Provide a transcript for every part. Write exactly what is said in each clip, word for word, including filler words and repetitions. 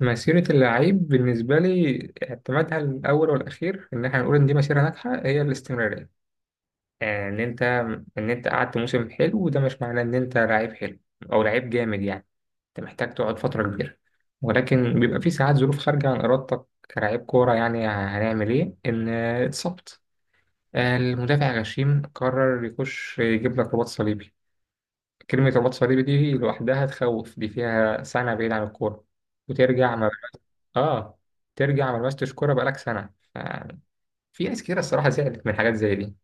مسيرة اللعيب بالنسبة لي اعتمادها الأول والأخير إن إحنا نقول إن دي مسيرة ناجحة هي الاستمرارية، يعني إن أنت إن أنت قعدت موسم حلو، وده مش معناه إن أنت لعيب حلو أو لعيب جامد، يعني أنت محتاج تقعد فترة كبيرة، ولكن بيبقى في ساعات ظروف خارجة عن إرادتك كلاعب كورة. يعني هنعمل إيه؟ إن اتصبت، المدافع غشيم قرر يخش يجيب لك رباط صليبي، كلمة رباط صليبي دي لوحدها تخوف، دي فيها سنة بعيد عن الكورة. وترجع. اه، ترجع ما لمستش كوره بقالك سنه. ف- في ناس كتير الصراحه زعلت من حاجات زي دي.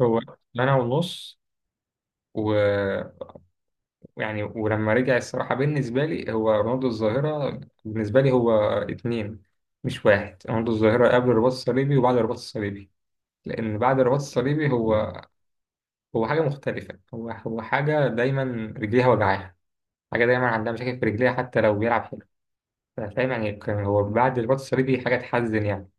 هو سنه ونص و- ويعني، ولما رجع الصراحه بالنسبه لي هو رونالدو الظاهره، بالنسبه لي هو اتنين مش واحد، رونالدو الظاهره قبل الرباط الصليبي وبعد الرباط الصليبي. لان بعد الرباط الصليبي هو هو حاجه مختلفه، هو هو حاجه دايما رجليها وجعاها، حاجه دايما عندها مشاكل في رجليها حتى لو بيلعب حلو. فاهم يعني؟ كان هو بعد الرباط الصليبي حاجه تحزن يعني.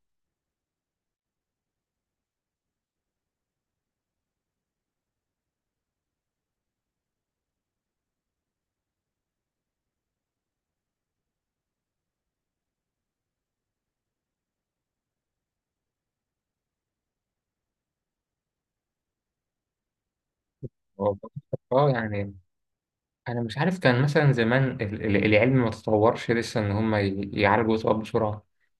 هو اه يعني انا مش عارف، كان مثلا زمان ال- ال- العلم ما تطورش لسه، ان هم ي- يعالجوا الاكتئاب بسرعه.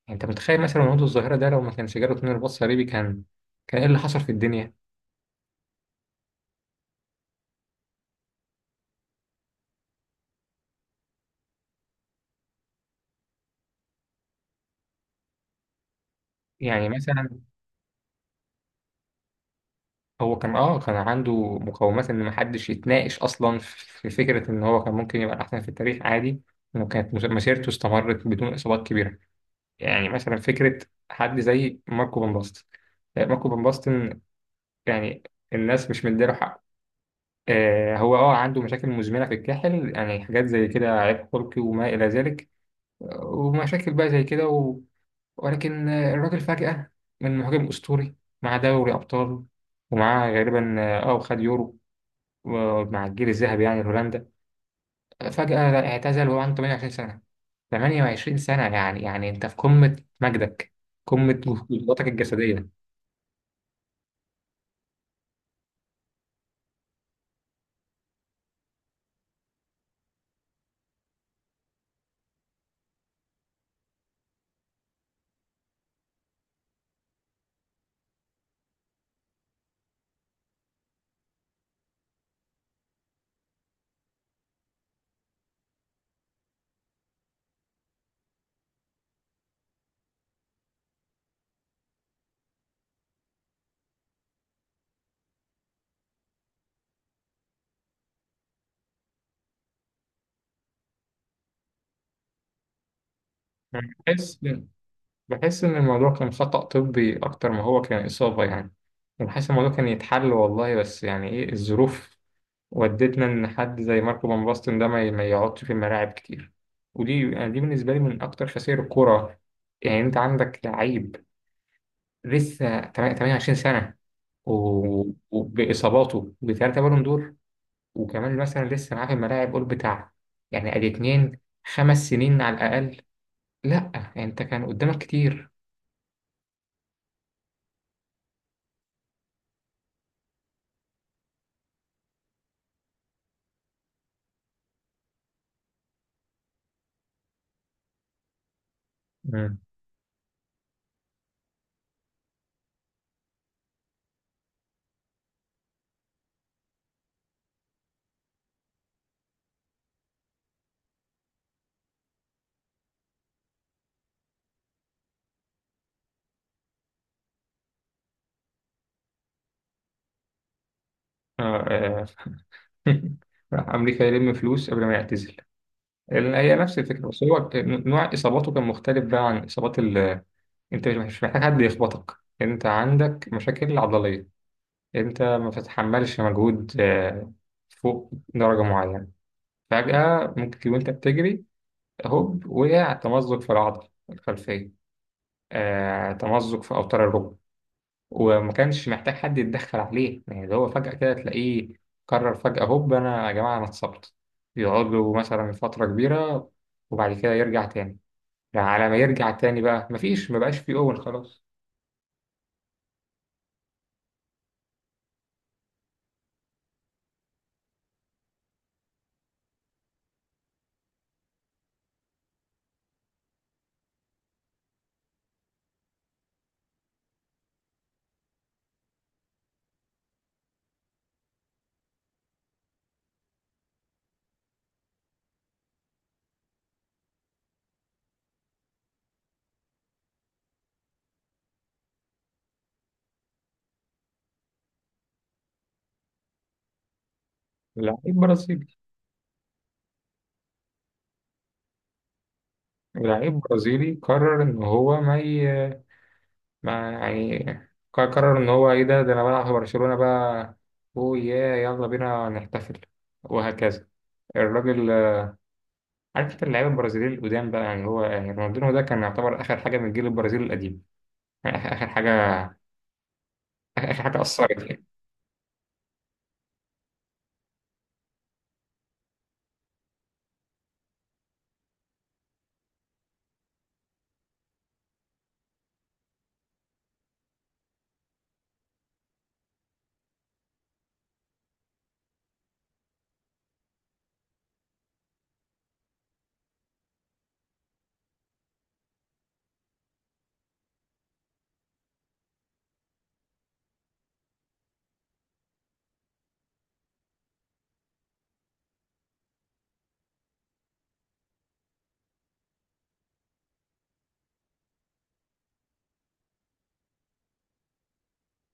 يعني انت متخيل مثلا وجود الظاهره ده لو ما كانش جاله تنين رباط صليبي، كان كان ايه اللي حصل في الدنيا؟ يعني مثلا، هو كان اه كان عنده مقومات ان ما حدش يتناقش اصلا في في فكره ان هو كان ممكن يبقى الاحسن في التاريخ عادي، انه كانت مس- مسيرته استمرت بدون اصابات كبيره. يعني مثلا فكره حد زي ماركو بن باستن، ماركو بن باستن، يعني الناس مش مديله حقه. آه، هو اه عنده مشاكل مزمنة في الكاحل، يعني حاجات زي كده عيب خلقي وما إلى ذلك، آه، ومشاكل بقى زي كده و... ولكن آه، الراجل فجأة، من مهاجم أسطوري مع دوري أبطال، ومعاه غالبا اه آه، وخد يورو و- مع الجيل الذهبي يعني لهولندا، فجأة لا، اعتزل وهو عنده 28 سنة. 28 سنة يعني، يعني أنت في قمة مجدك، قمة قدراتك الجسدية. بس بحس إن الموضوع كان خطأ طبي أكتر ما هو كان إصابة يعني. بحس الموضوع كان يتحل والله، بس يعني إيه الظروف ودتنا إن حد زي ماركو فان باستن ده ما ما يقعدش في الملاعب كتير. ودي يعني، دي بالنسبة لي من أكتر خسائر الكورة. يعني أنت عندك لعيب لسه 28 سنة و- وبإصاباته بثلاثة بالون دور، وكمان مثلا لسه معاه في الملاعب قول بتاع يعني أدي اتنين، خمس سنين على الأقل. لأ يعني أنت كان قدامك كتير. مم. راح أمريكا يلم فلوس قبل ما يعتزل، لأن هي نفس الفكرة، بس هو كان- نوع إصاباته كان مختلف بقى عن إصابات ال... أنت مش مش محتاج حد يخبطك، أنت عندك مشاكل عضلية، أنت ما بتتحملش مجهود آه، فوق درجة معينة، فجأة ممكن تكون أنت بتجري، هوب وقع تمزق في العضلة الخلفية، آه، تمزق في أوتار الركبة. وما كانش محتاج حد يتدخل عليه، يعني اللي هو فجأة كده تلاقيه قرر فجأة هوب أنا يا جماعة أنا اتصبت، يقعد له مثلا فترة كبيرة وبعد كده يرجع تاني، يعني على ما يرجع تاني بقى مفيش، مبقاش فيه أول خلاص. لعيب برازيلي، لعيب برازيلي قرر إن هو ما, ي... ما يعني ق- قرر إن هو إيه، ده ده أنا بلعب في برشلونة بقى، أوه يا يلا بينا نحتفل وهكذا. الراجل، عارف انت اللعيبه البرازيليين القدام بقى، يعني هو يعني رونالدينو ده كان يعتبر اخر حاجه من الجيل البرازيلي القديم، يعني اخر آخر حاجه، آخر آخر حاجه اثرت يعني.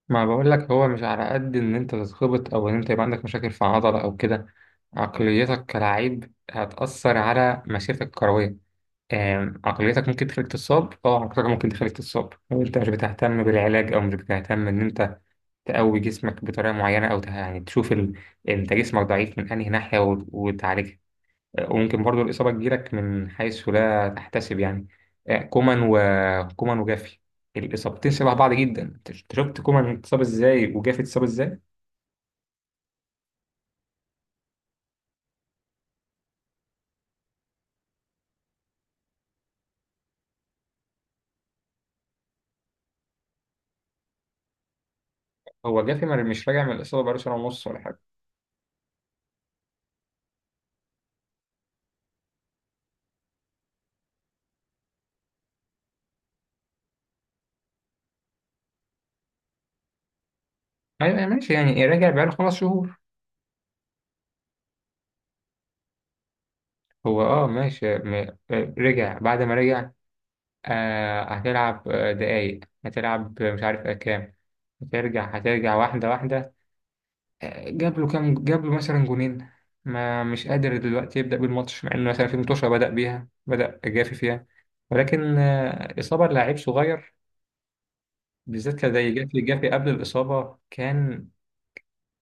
ما بقول لك هو مش على قد ان انت تتخبط او ان انت يبقى عندك مشاكل في عضله او كده، عقليتك كلاعب هتاثر على مسيرتك الكرويه. آم، عقليتك ممكن تخليك تصاب، اه عقليتك ممكن تخليك تصاب لو انت مش بتهتم بالعلاج او مش بتهتم ان انت تقوي جسمك بطريقه معينه، او ته- يعني تشوف ال... انت جسمك ضعيف من انهي ناحيه وت- وتعالجها. وممكن برضو الإصابة تجيلك من حيث لا تحتسب يعني، آه، كومان وكومان وجافي، الإصابتين شبه بعض جدا، أنت شفت كومان اتصاب إزاي وجافي اتصاب إزاي. هو جافي ما- مش راجع من الإصابة بقاله سنة ونص ولا حاجة. أيوة أيوة، ماشي يعني إيه، راجع بقاله خمس شهور. هو أه ماشي م... آه، رجع بعد ما رجع، آه هتلعب آه، دقايق، هتلعب آه، مش عارف آه، كام. هترجع هترجع واحدة واحدة، جاب له كام، جاب له مثلا جونين، ما مش قادر دلوقتي يبدأ بالماتش مع انه مثلا في متوشة بدأ بيها، بدأ جافي فيها. ولكن آه، إصابة لعيب صغير بالذات كان زي جافي. جافي قبل الإصابة كان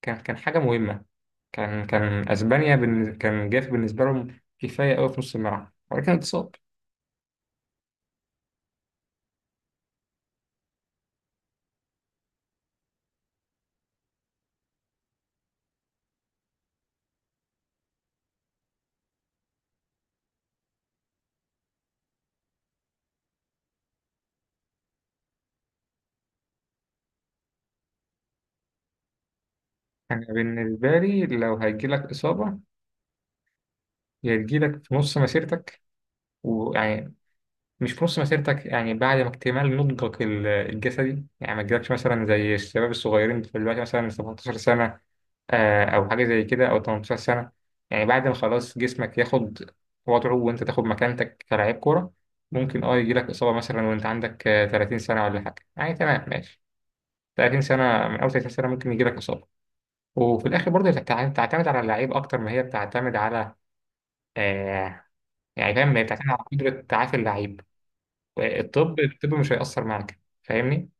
كان كان حاجة مهمة، كان كان أسبانيا بالن- كان جافي بالنسبة لهم كفاية أوي في نص الملعب، ولكن اتصاب. أنا بالنسبة لي لو هيجيلك إصابة، يا تجيلك في نص مسيرتك، ويعني مش في نص مسيرتك، يعني بعد ما اكتمال نضجك ال- الجسدي، يعني ما تجيلكش مثلا زي الشباب الصغيرين دلوقتي مثلا 17 سنة آه، أو حاجة زي كده أو 18 سنة، يعني بعد ما خلاص جسمك ياخد وضعه وأنت تاخد مكانتك كلاعب كورة. ممكن أه يجيلك إصابة مثلا وأنت عندك آه، 30 سنة ولا حاجة يعني، تمام ماشي، 30 سنة من أول 30 سنة ممكن يجيلك إصابة. وفي الآخر برضه بتع- بتعتمد على اللعيب أكتر ما هي بتعتمد على آه يعني فاهم. هي بتعتمد على قدرة تعافي اللعيب. الطب الطب مش هيأثر معاك، فاهمني؟